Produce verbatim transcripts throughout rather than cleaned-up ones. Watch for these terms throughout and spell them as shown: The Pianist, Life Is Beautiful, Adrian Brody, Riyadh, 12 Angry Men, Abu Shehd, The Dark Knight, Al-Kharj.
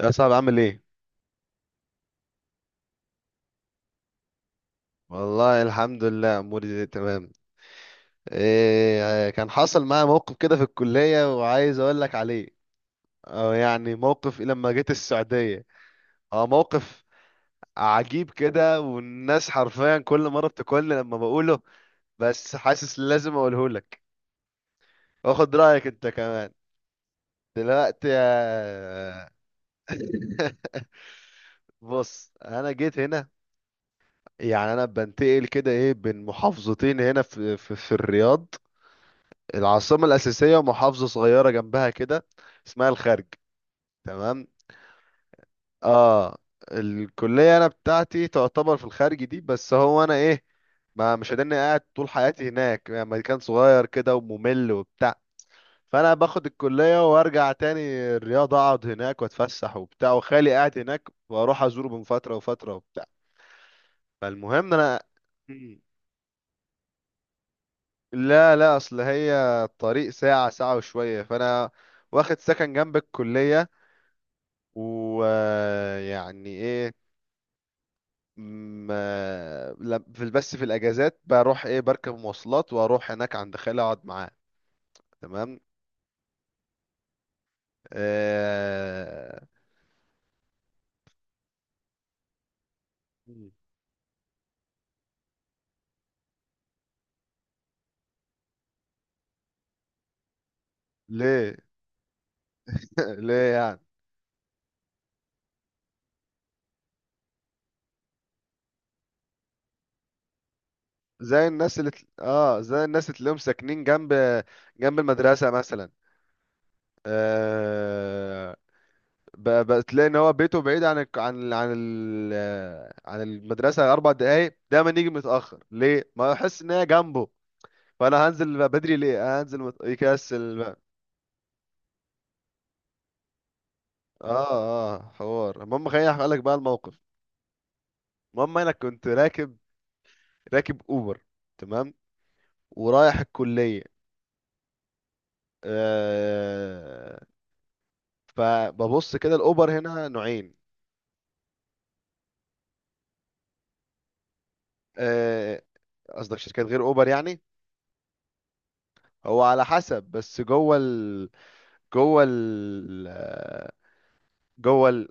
يا صاحبي، عامل ايه؟ والله الحمد لله اموري زي تمام. إيه، كان حصل معايا موقف كده في الكليه وعايز اقول لك عليه. أو يعني موقف إيه لما جيت السعوديه. هو موقف عجيب كده، والناس حرفيا كل مره بتاكلني لما بقوله. بس حاسس لازم اقوله لك. واخد رايك انت كمان. دلوقتي يا. بص، انا جيت هنا. يعني انا بنتقل كده ايه بين محافظتين هنا في في, في الرياض. العاصمة الأساسية محافظة صغيرة جنبها كده. اسمها الخرج. تمام، اه. الكلية أنا بتاعتي تعتبر في الخارج دي، بس هو أنا إيه. ما مش هداني قاعد طول حياتي هناك، يعني مكان صغير كده وممل وبتاع. فأنا باخد الكلية وأرجع تاني. الرياض أقعد هناك وأتفسح وبتاع، وخالي قاعد هناك وأروح أزوره من فترة وفترة وبتاع. فالمهم أنا. مم. لا لا، أصل هي. الطريق ساعة ساعة وشوية، فأنا. واخد سكن جنب الكلية. ويعني ايه. ما- لم- في بس في الاجازات بروح ايه بركب مواصلات واروح هناك عند خالي اقعد معاه. تمام. آه. مم. ليه؟ ليه يعني؟ زي الناس اللي تل... اه زي الناس اللي تلاقيهم ساكنين جنب جنب المدرسة مثلا. آه. ب... بتلاقي ان هو بيته بعيد عن الك- عن عن ال... عن المدرسة اربع دقايق، دايما يجي متأخر، ليه ما يحس ان هي جنبه. فانا هنزل بقى بدري ليه، هنزل مت... يكسل بقى. اه اه، حوار المهم خليني احكي لك بقى الموقف. المهم انا كنت راكب. راكب اوبر. تمام. ورايح الكليه. آه. فببص كده، الاوبر هنا نوعين. آه، قصدك شركات غير اوبر يعني. هو على حسب، بس جوه ال... جوه ال... جوه ال...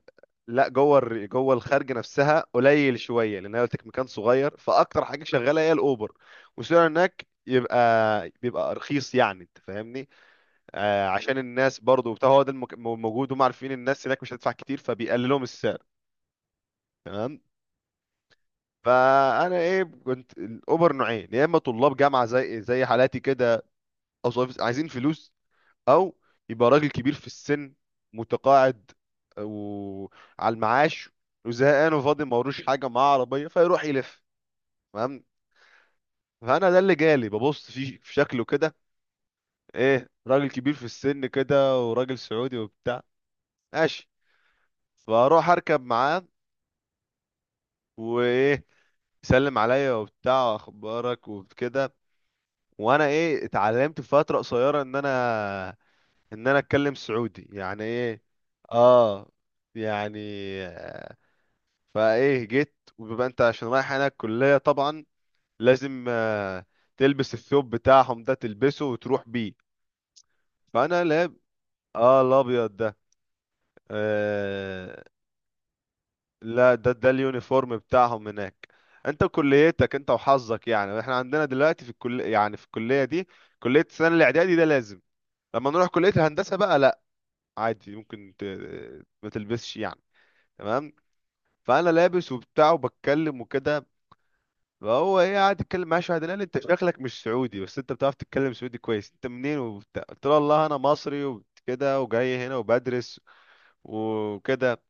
لا جوه ال... جوه الخارج نفسها قليل شويه، لان انا قلت لك مكان صغير، فاكتر حاجه شغاله هي الاوبر. والسعر هناك يبقى. بيبقى رخيص، يعني انت فاهمني. آه، عشان الناس برضو بتاع، هو ده المك... موجود، هم عارفين الناس هناك مش هتدفع كتير فبيقللهم السعر. تمام. فانا ايه، كنت الاوبر نوعين، يا اما طلاب جامعه زي زي حالاتي كده. او صحاب- عايزين فلوس. او. يبقى راجل كبير في السن. متقاعد. وعلى المعاش. وزهقان وفاضي، ما وروش حاجه، معاه عربيه فيروح يلف. فاهم. فانا ده اللي جالي، ببص فيه في شكله كده. ايه، راجل كبير في السن كده، وراجل سعودي وبتاع. ماشي. فاروح اركب معاه. وايه. يسلم عليا وبتاع، اخبارك وكده. وانا ايه، اتعلمت في فتره قصيره ان انا ان انا اتكلم سعودي، يعني ايه. اه يعني. فايه جيت، وبيبقى انت عشان رايح هناك الكليه طبعا. لازم آه،. تلبس الثوب بتاعهم ده، تلبسه وتروح بيه. فانا لاب. اه، الابيض ده. آه. لا، ده ده اليونيفورم بتاعهم هناك. انت كليتك انت وحظك، يعني احنا عندنا دلوقتي في الكل، يعني في الكليه دي. كليه السنه الاعدادي ده لازم. لما نروح كليه الهندسه بقى لا. عادي، ممكن ت... ما تلبسش يعني. تمام. فانا لابس وبتاع وبتكلم وكده. فهو ايه، قاعد يتكلم معاه شويه، قال لي انت شكلك مش سعودي، بس انت بتعرف تتكلم سعودي كويس، انت منين وبتاع، قلت له والله انا مصري وكده، وجاي هنا وبدرس. وكده.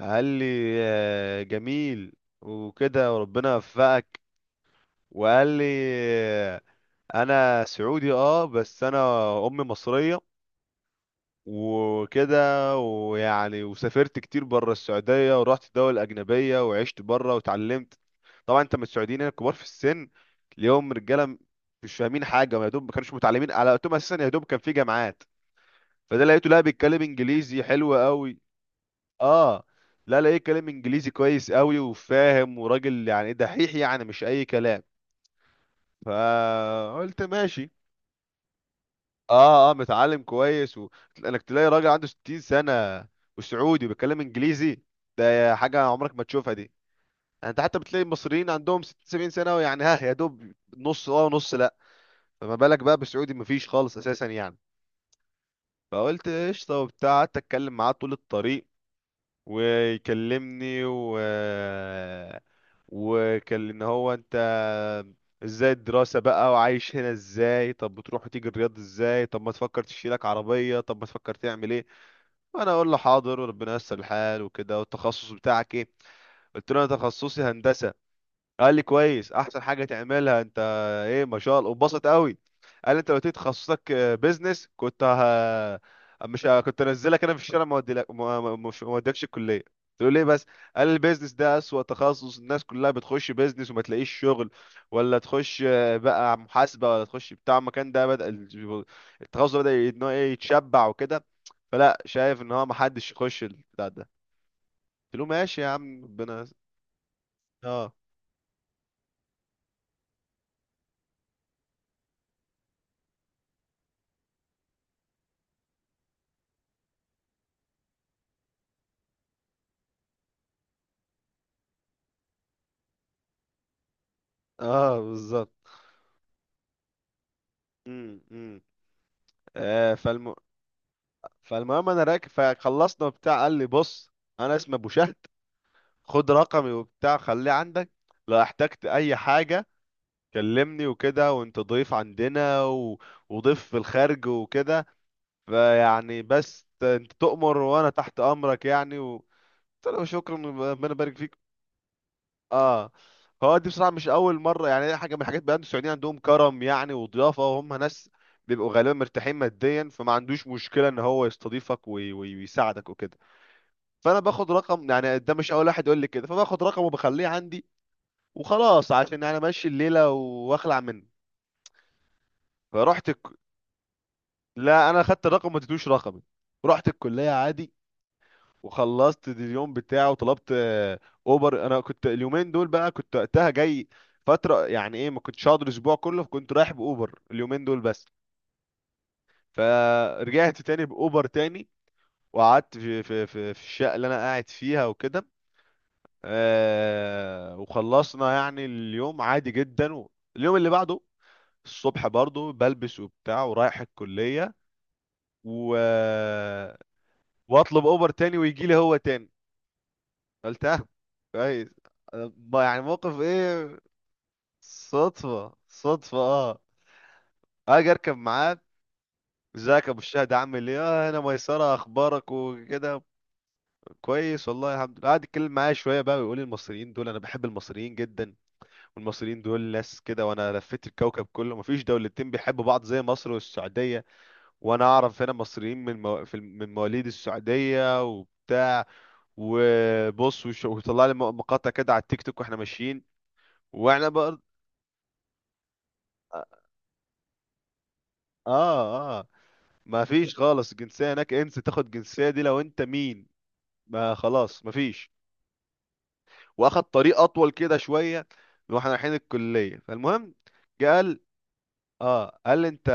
قال لي. آه، جميل. وكده، وربنا يوفقك. وقال لي آه،. انا سعودي، اه، بس انا. امي مصريه. وكده ويعني، وسافرت كتير بره السعودية، ورحت دول أجنبية وعشت بره وتعلمت. طبعا انت من السعوديين هنا الكبار في السن. اليوم رجالة. مش فاهمين حاجة، ما يا دوب ما كانوش متعلمين على وقتهم أساسا، يا دوب كان في جامعات. فده لقيته، لا بيتكلم إنجليزي حلو قوي. اه. لا، لقيت كلام إنجليزي كويس قوي وفاهم، وراجل يعني دحيح يعني، مش أي كلام. فقلت ماشي. اه اه، متعلم كويس و... انك تلاقي راجل عنده 60 سنة. وسعودي وبيتكلم انجليزي. ده حاجة عمرك ما تشوفها دي. يعني انت حتى بتلاقي المصريين عندهم ستين 70 سنة، ويعني ها يا دوب نص اه ونص لا. فما بالك بقى بالسعودي، مفيش خالص اساسا يعني. فقلت قشطة وبتاع، قعدت اتكلم معاه طول الطريق. ويكلمني و. وكان ان هو انت. ازاي الدراسة بقى، وعايش هنا ازاي، طب بتروح وتيجي الرياض ازاي، طب ما تفكر تشيلك عربية، طب ما تفكر تعمل ايه. وانا اقول له حاضر وربنا ييسر الحال وكده، والتخصص بتاعك ايه. قلت له انا تخصصي هندسة. قال لي كويس، احسن حاجه تعملها انت. ايه ما شاء الله، وبسط قوي. قال لي انت لو قلت لي تخصصك. بيزنس كنت. ه... مش ه... كنت انزلك انا في الشارع، ما اوديلك ما ما- مش ما اوديكش الكليه. تقول ليه بس. قال لي البيزنس ده اسوأ تخصص، الناس كلها بتخش بيزنس وما تلاقيش شغل. ولا تخش آه، بقى محاسبه، ولا تخش بتاع المكان ده، بدأ ال- التخصص ده بدأ ان هو ايه يتشبع وكده. فلا، شايف ان هو ما حدش يخش البتاع ده. قلت له ماشي يا عم ربنا. اه اه، بالظبط. امم آه، فالم... فالمهم انا راكب، فخلصنا وبتاع قال لي بص. انا اسمي ابو شهد. خد رقمي وبتاع، خليه عندك. لو احتجت اي حاجه. كلمني وكده، وانت ضيف عندنا و... وضيف في الخارج وكده. فيعني بس انت تؤمر، وانا تحت امرك يعني و... قلت له شكرا. ربنا يبارك فيك. اه. هو دي بصراحه مش اول مره، يعني هي حاجه من الحاجات بقى، السعوديين عندهم كرم يعني وضيافه، وهم ناس. بيبقوا غالبا مرتاحين ماديا، فما عندوش مشكله ان هو يستضيفك وي- وي- ويساعدك وكده. فانا باخد رقم، يعني ده مش اول واحد يقول لي كده، فباخد رقمه وبخليه عندي. وخلاص، عشان يعني امشي الليله واخلع منه. فرحت الك... لا، انا خدت الرقم ما اديتوش رقمي. رحت الكليه عادي. وخلصت اليوم بتاعه، وطلبت آه،. اوبر، انا كنت اليومين دول بقى، كنت وقتها جاي. فتره، يعني ايه، ما كنتش هقعد الاسبوع كله، فكنت رايح باوبر اليومين دول بس. فرجعت تاني باوبر تاني. وقعدت في في في, في الشقه اللي انا قاعد فيها وكده. آه، وخلصنا يعني اليوم عادي جدا و-. اليوم اللي بعده. الصبح برضو بلبس وبتاع، ورايح الكليه. و... آه،. واطلب اوبر تاني، ويجي لي هو تاني. قلتها. كويس. أنا ب- يعني موقف ايه. صدفة صدفة اه. اجي اركب معاك. ازيك يا ابو الشهد، عامل ايه، اه انا ميسرة، اخبارك وكده. كويس والله الحمد لله، قعد يتكلم معايا شوية بقى، ويقول لي المصريين دول انا بحب المصريين جدا. والمصريين دول ناس كده، وانا لفيت الكوكب كله، مفيش دولتين بيحبوا بعض زي مصر والسعودية. وانا اعرف هنا مصريين من مو... في الم- من مواليد السعودية وبتاع. وبص، وش- وطلع لي مقاطع كده على التيك توك واحنا ماشيين. واحنا. اه اه، ما فيش خالص الجنسيه هناك، انسى تاخد الجنسيه دي لو انت مين. ما خلاص ما فيش. واخد طريق اطول كده شويه. واحنا رايحين الكليه، فالمهم. جه قال. اه قال لي انت.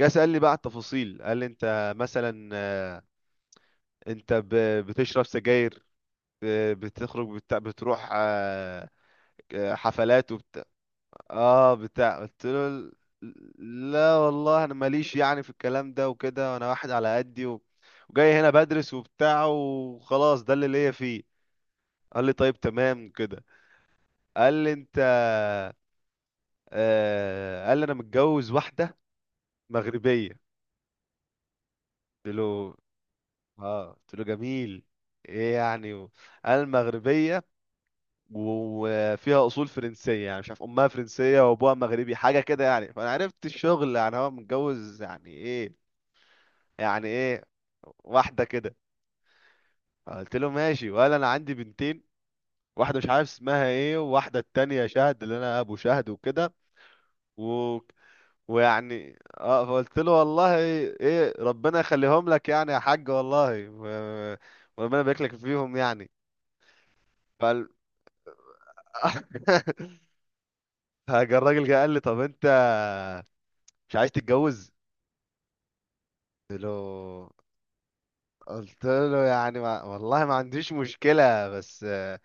جه سأل لي بقى على التفاصيل، قال لي انت مثلا آه،. انت ب- بتشرب سجاير. آه، بتخرج بت- بتروح آه،. آه، حفلات. اه بتاع، قلت له ال- لا والله، انا ماليش يعني في الكلام ده وكده، انا واحد على قدي و... وجاي هنا بدرس وبتاع وخلاص، ده اللي ليا فيه. قال لي طيب تمام كده. قال لي انت. آه، قال لي انا متجوز واحده. مغربيه. قلت له اه قلت له جميل. ايه يعني و... قال مغربيه. وفيها اصول فرنسيه، يعني مش عارف امها فرنسيه وابوها مغربي، حاجه كده يعني، فانا عرفت الشغل، يعني هو متجوز يعني ايه. يعني ايه. واحده كده. قلت له ماشي، وقال انا عندي بنتين. واحده مش عارف اسمها ايه، وواحده التانية شهد اللي انا ابو شهد وكده. و... ويعني اه، فقلت له والله ايه، ربنا يخليهم لك يعني يا حاج والله و... وربنا يبارك لك فيهم يعني. فال... فجا الراجل، جه قال لي طب انت. مش عايز تتجوز. قلت له قلت له يعني ما... والله ما عنديش مشكلة بس آه،.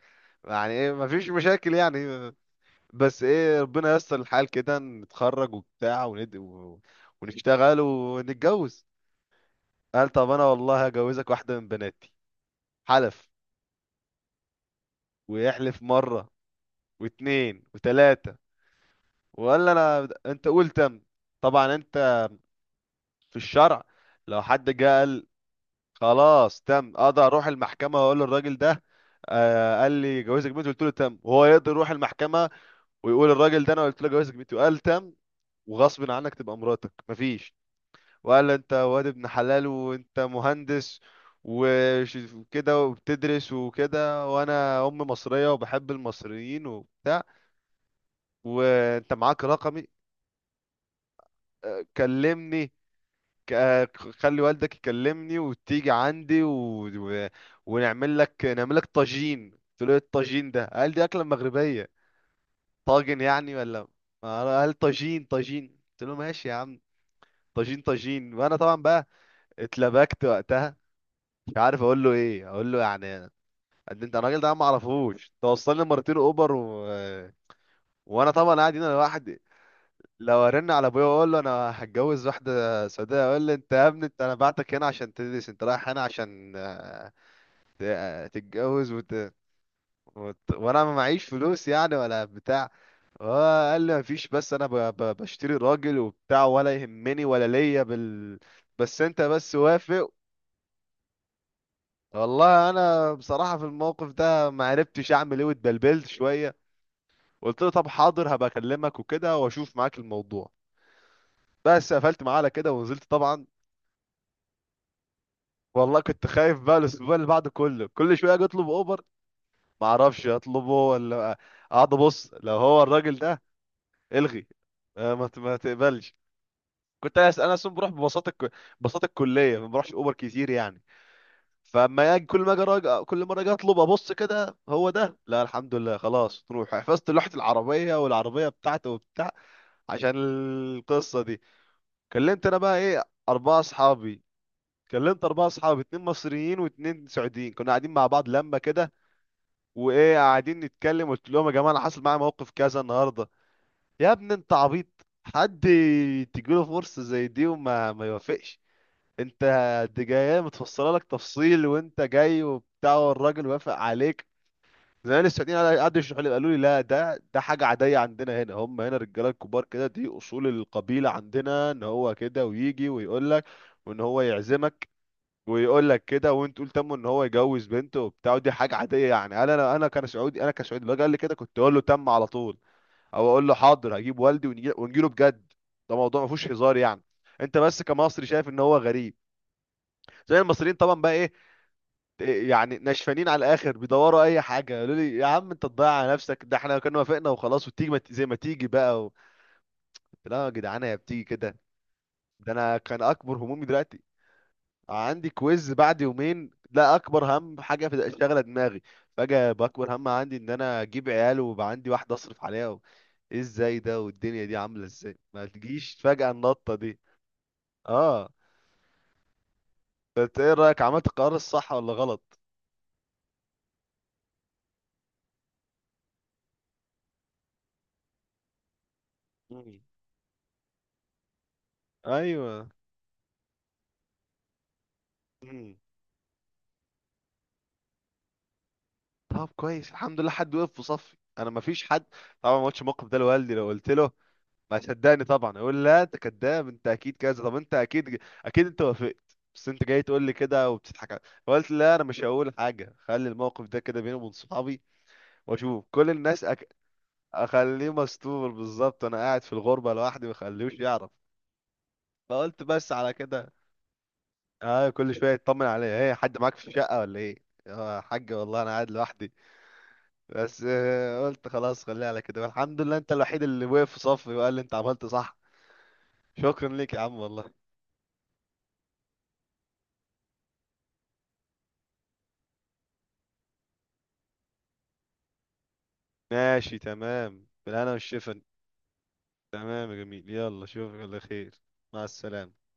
يعني ايه، ما فيش مشاكل يعني. بس ايه، ربنا ييسر الحال كده، نتخرج وبتاع وند... و... ونشتغل ونتجوز. قال طب انا والله هجوزك واحدة من بناتي. حلف. ويحلف مرة. واتنين وتلاتة. وقال انا انت قول تم. طبعا انت. في الشرع. لو حد جه قال. خلاص تم، اقدر اروح المحكمة واقول للراجل ده. آه، قال لي جوزك بنتي، قلت له تم، وهو يقدر يروح المحكمة. ويقول الراجل ده انا قلت له جوزك بنتي، وقال تم. وغصب عنك تبقى مراتك، مفيش. ولا، انت واد ابن حلال وانت مهندس. وش- وكده وبتدرس وكده، وانا ام مصرية وبحب المصريين وبتاع. وانت معاك رقمي. اه، كلمني. ك- خلي والدك يكلمني وتيجي عندي و... و... ونعمل لك نعمل لك طاجين، قلت له ايه الطاجين ده، قال دي اكلة مغربية. طاجن يعني ولا. ما- قال طاجين طاجين، قلت له ماشي يا عم. طاجين طاجين، وانا طبعا بقى. اتلبكت وقتها. مش عارف اقول له ايه، اقول له يعني. قد انت، الراجل ده أنا ما اعرفوش، توصلني مرتين اوبر و... وانا طبعا قاعد هنا لوحدي. لو ارن على ابويا واقول له انا هتجوز واحده سعوديه، اقول لي انت يا ابني، انت انا بعتك هنا عشان تدرس انت، رايح هنا عشان آه،. ت- آه، تتجوز وت... وت... وانا ما معيش فلوس يعني ولا بتاع. هو. قال لي مفيش، بس انا ب... ب... بشتري راجل وبتاع، ولا يهمني ولا ليا بال. بس انت بس وافق. والله انا بصراحه في الموقف ده ما عرفتش اعمل ايه، واتبلبلت شويه. قلت له طب حاضر، هبقى اكلمك وكده واشوف معاك الموضوع. بس قفلت معاه على كده، ونزلت طبعا. والله كنت خايف بقى الاسبوع اللي بعده كله، كل شويه اجي اطلب اوبر. ما اعرفش اطلبه ولا. اقعد ابص لو هو الراجل ده. الغي. آه، ما ت- ما تقبلش. كنت انا انا اصلا بروح ببساطه الك- ببساطه الكليه ما بروحش اوبر كتير يعني. فاما اجي، كل ما اجي أراجع- كل مره اجي اطلب، ابص كده هو ده، لا الحمد لله خلاص تروح، حفظت لوحه العربيه والعربيه بتاعته وبتاع. عشان. القصه دي. كلمت انا بقى ايه. اربعه اصحابي. كلمت اربعه اصحابي، اتنين مصريين واتنين سعوديين، كنا قاعدين مع بعض لما كده. وايه قاعدين نتكلم، قلت لهم يا جماعه انا حصل معايا موقف كذا النهارده. يا ابني انت عبيط. حد. تجيله فرصه زي دي وما ما يوافقش. انت. دي جايه متفصله لك تفصيل، وانت جاي وبتاع، والراجل وافق عليك. زمان السعوديين قعدوا يشرحوا لي، قالوا لي لا، ده ده حاجه عاديه عندنا هنا، هم هنا الرجاله الكبار كده، دي اصول القبيله عندنا، ان هو كده ويجي ويقول لك. وان هو يعزمك. ويقول لك كده، وانت تقول تمه، ان هو يجوز بنته وبتاع، ودي حاجه عاديه يعني، انا انا انا كان سعودي، انا كسعودي لو قال لي كده كنت اقول له تم على طول. او اقول له حاضر، هجيب والدي ونجي- ونجيله بجد. ده موضوع ما فيهوش هزار يعني. انت بس كمصري شايف ان هو غريب. زي المصريين طبعا بقى ايه. إيه يعني، نشفانين على الاخر بيدوروا اي حاجه، قالوا لي يا عم انت تضيع على نفسك، ده احنا كنا وافقنا وخلاص، وتيجي ما ت- زي ما تيجي بقى و... قلت لا يا جدعان، هي بتيجي كده. ده انا كان اكبر همومي دلوقتي. عندي كويز بعد يومين، ده اكبر هم حاجه في شغله دماغي. فجاه باكبر هم عندي ان انا اجيب عيال ويبقى عندي واحده اصرف عليها و... ايه، ازاي ده، والدنيا دي عامله ازاي، ما تجيش فجاه النطه دي. اه. فانت ايه رايك، عملت القرار الصح ولا غلط؟ مم. ايوه. مم. طب كويس، الحمد لله حد وقف في صفي، انا ما فيش حد. طبعا ما قلتش الموقف ده لوالدي، لو قلت له. ما صدقني طبعا، يقول لا انت كذاب، انت اكيد كذا، طب انت اكيد. اكيد انت وافقت، بس انت جاي تقول لي كده، وبتضحك على-. فقلت لا، انا مش هقول حاجه، خلي الموقف ده كده بيني وبين صحابي. واشوف كل الناس أك... اخليه مستور بالظبط، انا قاعد في الغربه لوحدي، ما اخليهوش يعرف. فقلت بس على كده. اه، كل شويه يطمن عليا، ايه حد معاك في الشقه ولا ايه. اه يا حاج والله، انا قاعد لوحدي. بس آه، قلت خلاص خليها على كده، الحمد لله انت الوحيد اللي وقف في صفي، وقال لي انت عملت صح. شكرا ليك يا عم والله. ماشي تمام، بالهنا والشفا. تمام يا جميل، يلا اشوفك على خير. مع السلامة.